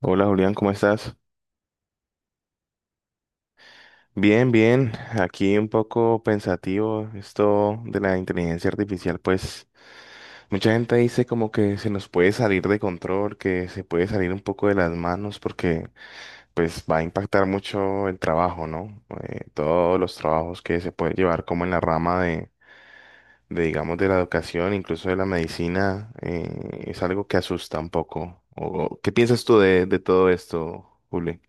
Hola Julián, ¿cómo estás? Bien, bien. Aquí un poco pensativo esto de la inteligencia artificial, pues mucha gente dice como que se nos puede salir de control, que se puede salir un poco de las manos porque pues va a impactar mucho el trabajo, ¿no? Todos los trabajos que se pueden llevar como en la rama de, digamos, de la educación, incluso de la medicina, es algo que asusta un poco. ¿Qué piensas tú de todo esto, Juli?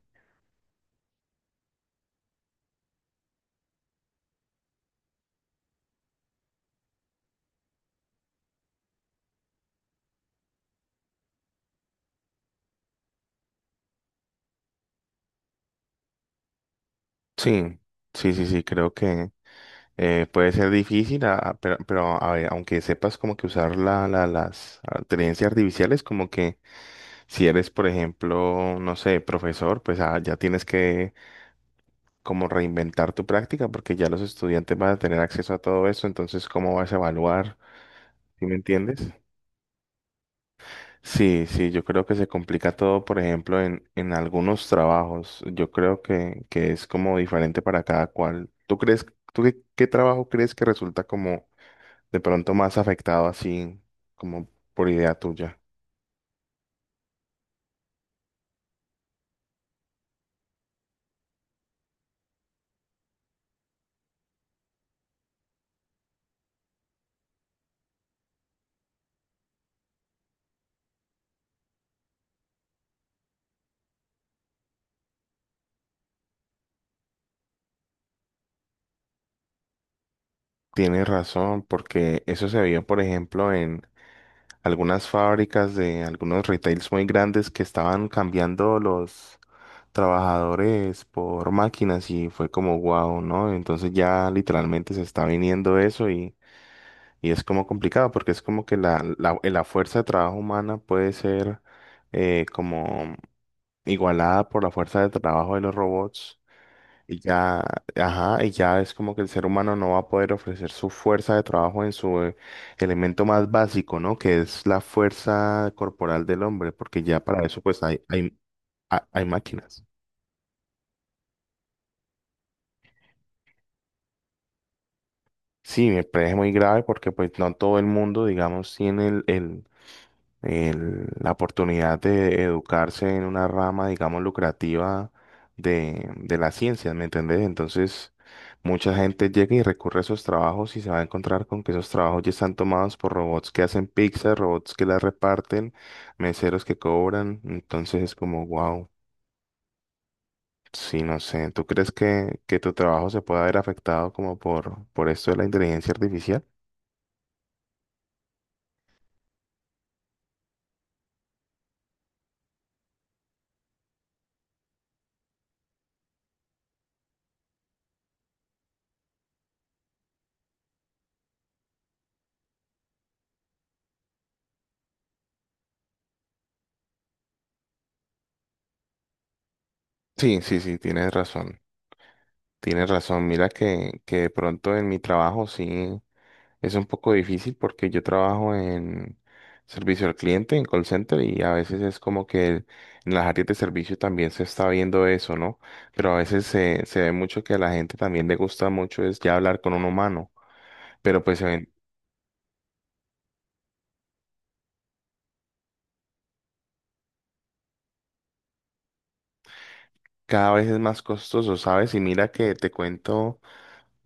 Sí, sí, sí, sí, creo que... Puede ser difícil, pero a ver, aunque sepas como que usar las inteligencias artificiales, como que si eres, por ejemplo, no sé, profesor, pues ah, ya tienes que como reinventar tu práctica porque ya los estudiantes van a tener acceso a todo eso, entonces, ¿cómo vas a evaluar? ¿Sí me entiendes? Sí, sí, yo creo que se complica todo, por ejemplo, en algunos trabajos. Yo creo que es como diferente para cada cual. ¿Tú crees, tú qué trabajo crees que resulta como de pronto más afectado así como por idea tuya? Tienes razón, porque eso se vio, por ejemplo, en algunas fábricas de algunos retails muy grandes que estaban cambiando los trabajadores por máquinas y fue como wow, ¿no? Entonces ya literalmente se está viniendo eso y es como complicado porque es como que la fuerza de trabajo humana puede ser como igualada por la fuerza de trabajo de los robots. Y ya, ajá, y ya es como que el ser humano no va a poder ofrecer su fuerza de trabajo en su elemento más básico, ¿no? Que es la fuerza corporal del hombre, porque ya para eso pues hay máquinas. Sí, me parece muy grave porque pues no todo el mundo, digamos, tiene la oportunidad de educarse en una rama, digamos, lucrativa de la ciencia, ¿me entendés? Entonces, mucha gente llega y recurre a esos trabajos y se va a encontrar con que esos trabajos ya están tomados por robots que hacen pizza, robots que la reparten, meseros que cobran. Entonces es como, wow, sí, no sé. ¿Tú crees que tu trabajo se pueda ver afectado como por esto de la inteligencia artificial? Sí, sí, sí, tienes razón. Tienes razón. Mira que de pronto en mi trabajo sí. Es un poco difícil porque yo trabajo en servicio al cliente, en call center, y a veces es como que en las áreas de servicio también se está viendo eso, ¿no? Pero a veces se ve mucho que a la gente también le gusta mucho es ya hablar con un humano, pero pues se ven cada vez es más costoso, ¿sabes? Y mira que te cuento.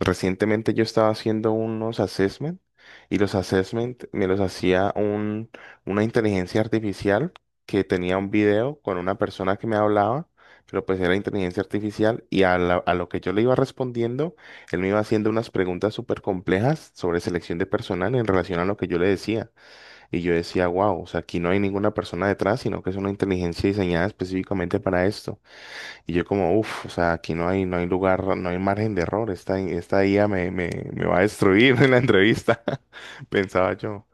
Recientemente yo estaba haciendo unos assessment y los assessment me los hacía una inteligencia artificial que tenía un video con una persona que me hablaba, pero pues era inteligencia artificial y a lo que yo le iba respondiendo, él me iba haciendo unas preguntas súper complejas sobre selección de personal en relación a lo que yo le decía. Y yo decía, wow, o sea, aquí no hay ninguna persona detrás, sino que es una inteligencia diseñada específicamente para esto. Y yo como, uff, o sea, aquí no hay, no hay lugar, no hay margen de error, esta IA me va a destruir en la entrevista, pensaba yo.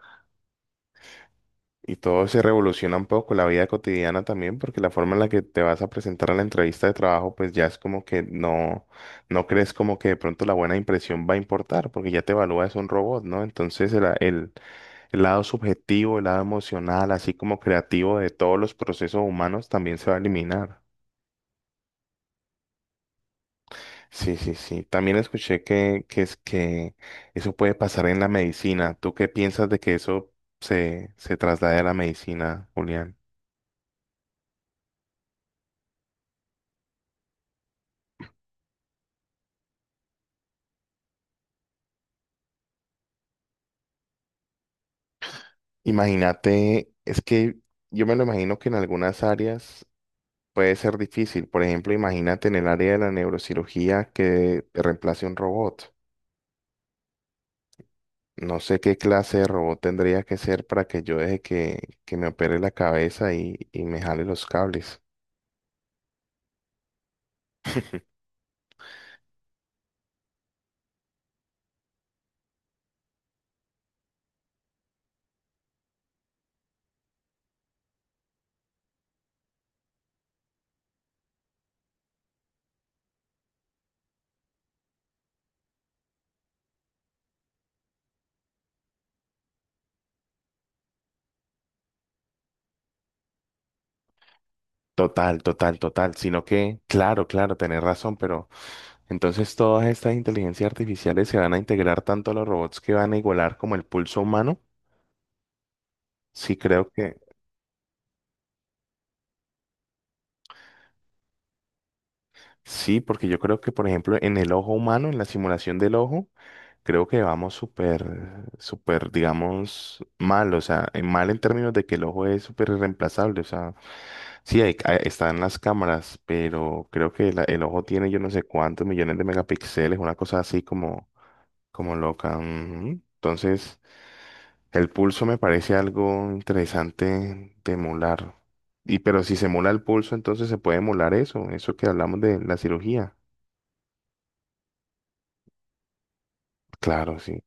Y todo se revoluciona un poco, la vida cotidiana también, porque la forma en la que te vas a presentar a la entrevista de trabajo, pues ya es como que no, no crees como que de pronto la buena impresión va a importar, porque ya te evalúa es un robot, ¿no? Entonces el lado subjetivo, el lado emocional, así como creativo de todos los procesos humanos también se va a eliminar. Sí, sí, sí. También escuché que es que eso puede pasar en la medicina. ¿Tú qué piensas de que eso se traslade a la medicina, Julián? Imagínate, es que yo me lo imagino que en algunas áreas puede ser difícil. Por ejemplo, imagínate en el área de la neurocirugía que te reemplace un robot. No sé qué clase de robot tendría que ser para que yo deje que me opere la cabeza y me jale los cables. Total, total, total. Sino que, claro, claro, tenés razón, pero entonces todas estas inteligencias artificiales se van a integrar tanto a los robots que van a igualar como el pulso humano. Sí, creo que sí, porque yo creo que, por ejemplo, en el ojo humano, en la simulación del ojo, creo que vamos súper, súper, digamos, mal. O sea, en- mal en términos de que el ojo es súper irreemplazable. O sea, sí, están las cámaras, pero creo que el ojo tiene yo no sé cuántos millones de megapíxeles, una cosa así como, como loca. Ujú. Entonces... el pulso me parece algo interesante de emular. Y pero si se emula el pulso, entonces se puede emular eso, eso que hablamos de la cirugía. Claro, sí.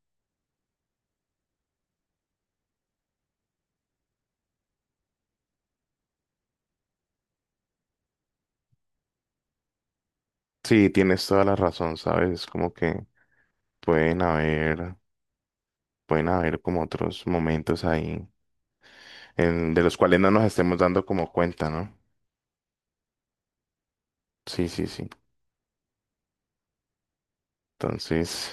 Sí, tienes toda la razón, ¿sabes? Es como que pueden haber, pueden haber como otros momentos ahí en, de los cuales no nos estemos dando como cuenta, ¿no? Sí, sí, sí. Entonces,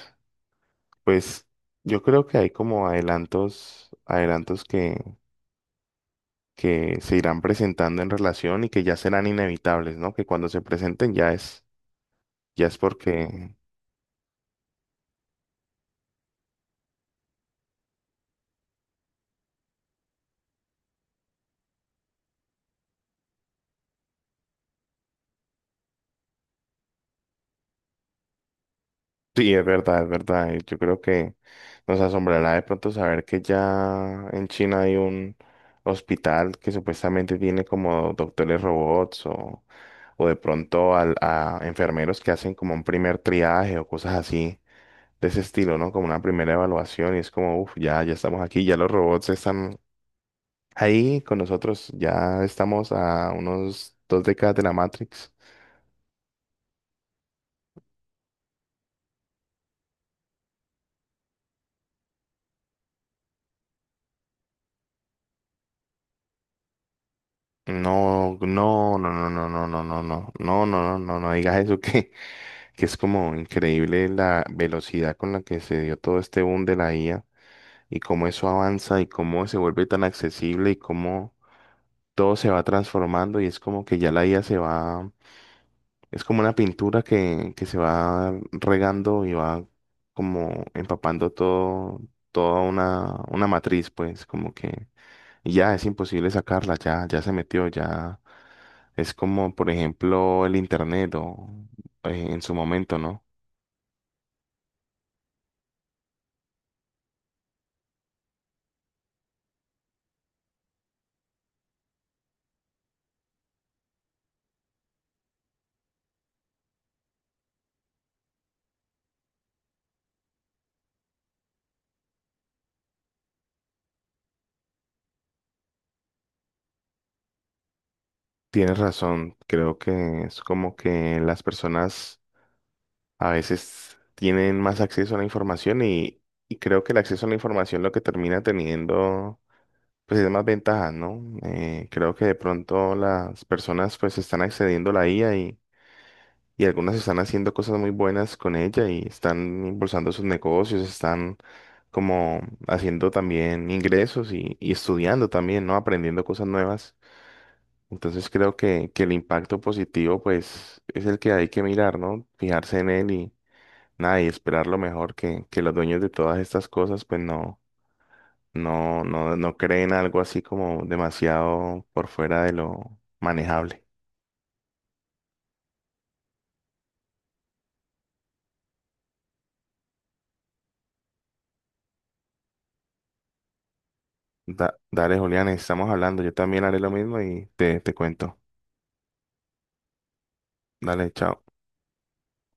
pues yo creo que hay como adelantos, adelantos que se irán presentando en relación y que ya serán inevitables, ¿no? Que cuando se presenten ya es porque... Sí, es verdad, es verdad. Y yo creo que nos asombrará de pronto saber que ya en China hay un hospital que supuestamente tiene como doctores robots o de pronto a enfermeros que hacen como un primer triaje o cosas así de ese estilo, ¿no? Como una primera evaluación y es como, uff, ya, ya estamos aquí, ya los robots están ahí con nosotros, ya estamos a unos dos décadas de la Matrix. No, no, no, no, no, no, no, no, no, no, no, no, no, no digas eso que es como increíble la velocidad con la que se dio todo este boom de la IA y cómo eso avanza y cómo se vuelve tan accesible y cómo todo se va transformando y es como que ya la IA se va, es como una pintura que se va regando y va como empapando todo, toda una matriz, pues como que ya es imposible sacarla, ya, ya se metió, ya es como, por ejemplo, el internet o en su momento, ¿no? Tienes razón, creo que es como que las personas a veces tienen más acceso a la información y creo que el acceso a la información lo que termina teniendo pues es más ventajas, ¿no? Creo que de pronto las personas pues están accediendo a la IA y algunas están haciendo cosas muy buenas con ella y están impulsando sus negocios, están como haciendo también ingresos y estudiando también, ¿no? Aprendiendo cosas nuevas. Entonces creo que el impacto positivo pues es el que hay que mirar, ¿no? Fijarse en él. Nada, y esperar lo mejor que los dueños de todas estas cosas pues no creen algo así como demasiado por fuera de lo manejable. Dale, Julián, estamos hablando. Yo también haré lo mismo y te cuento. Dale, chao.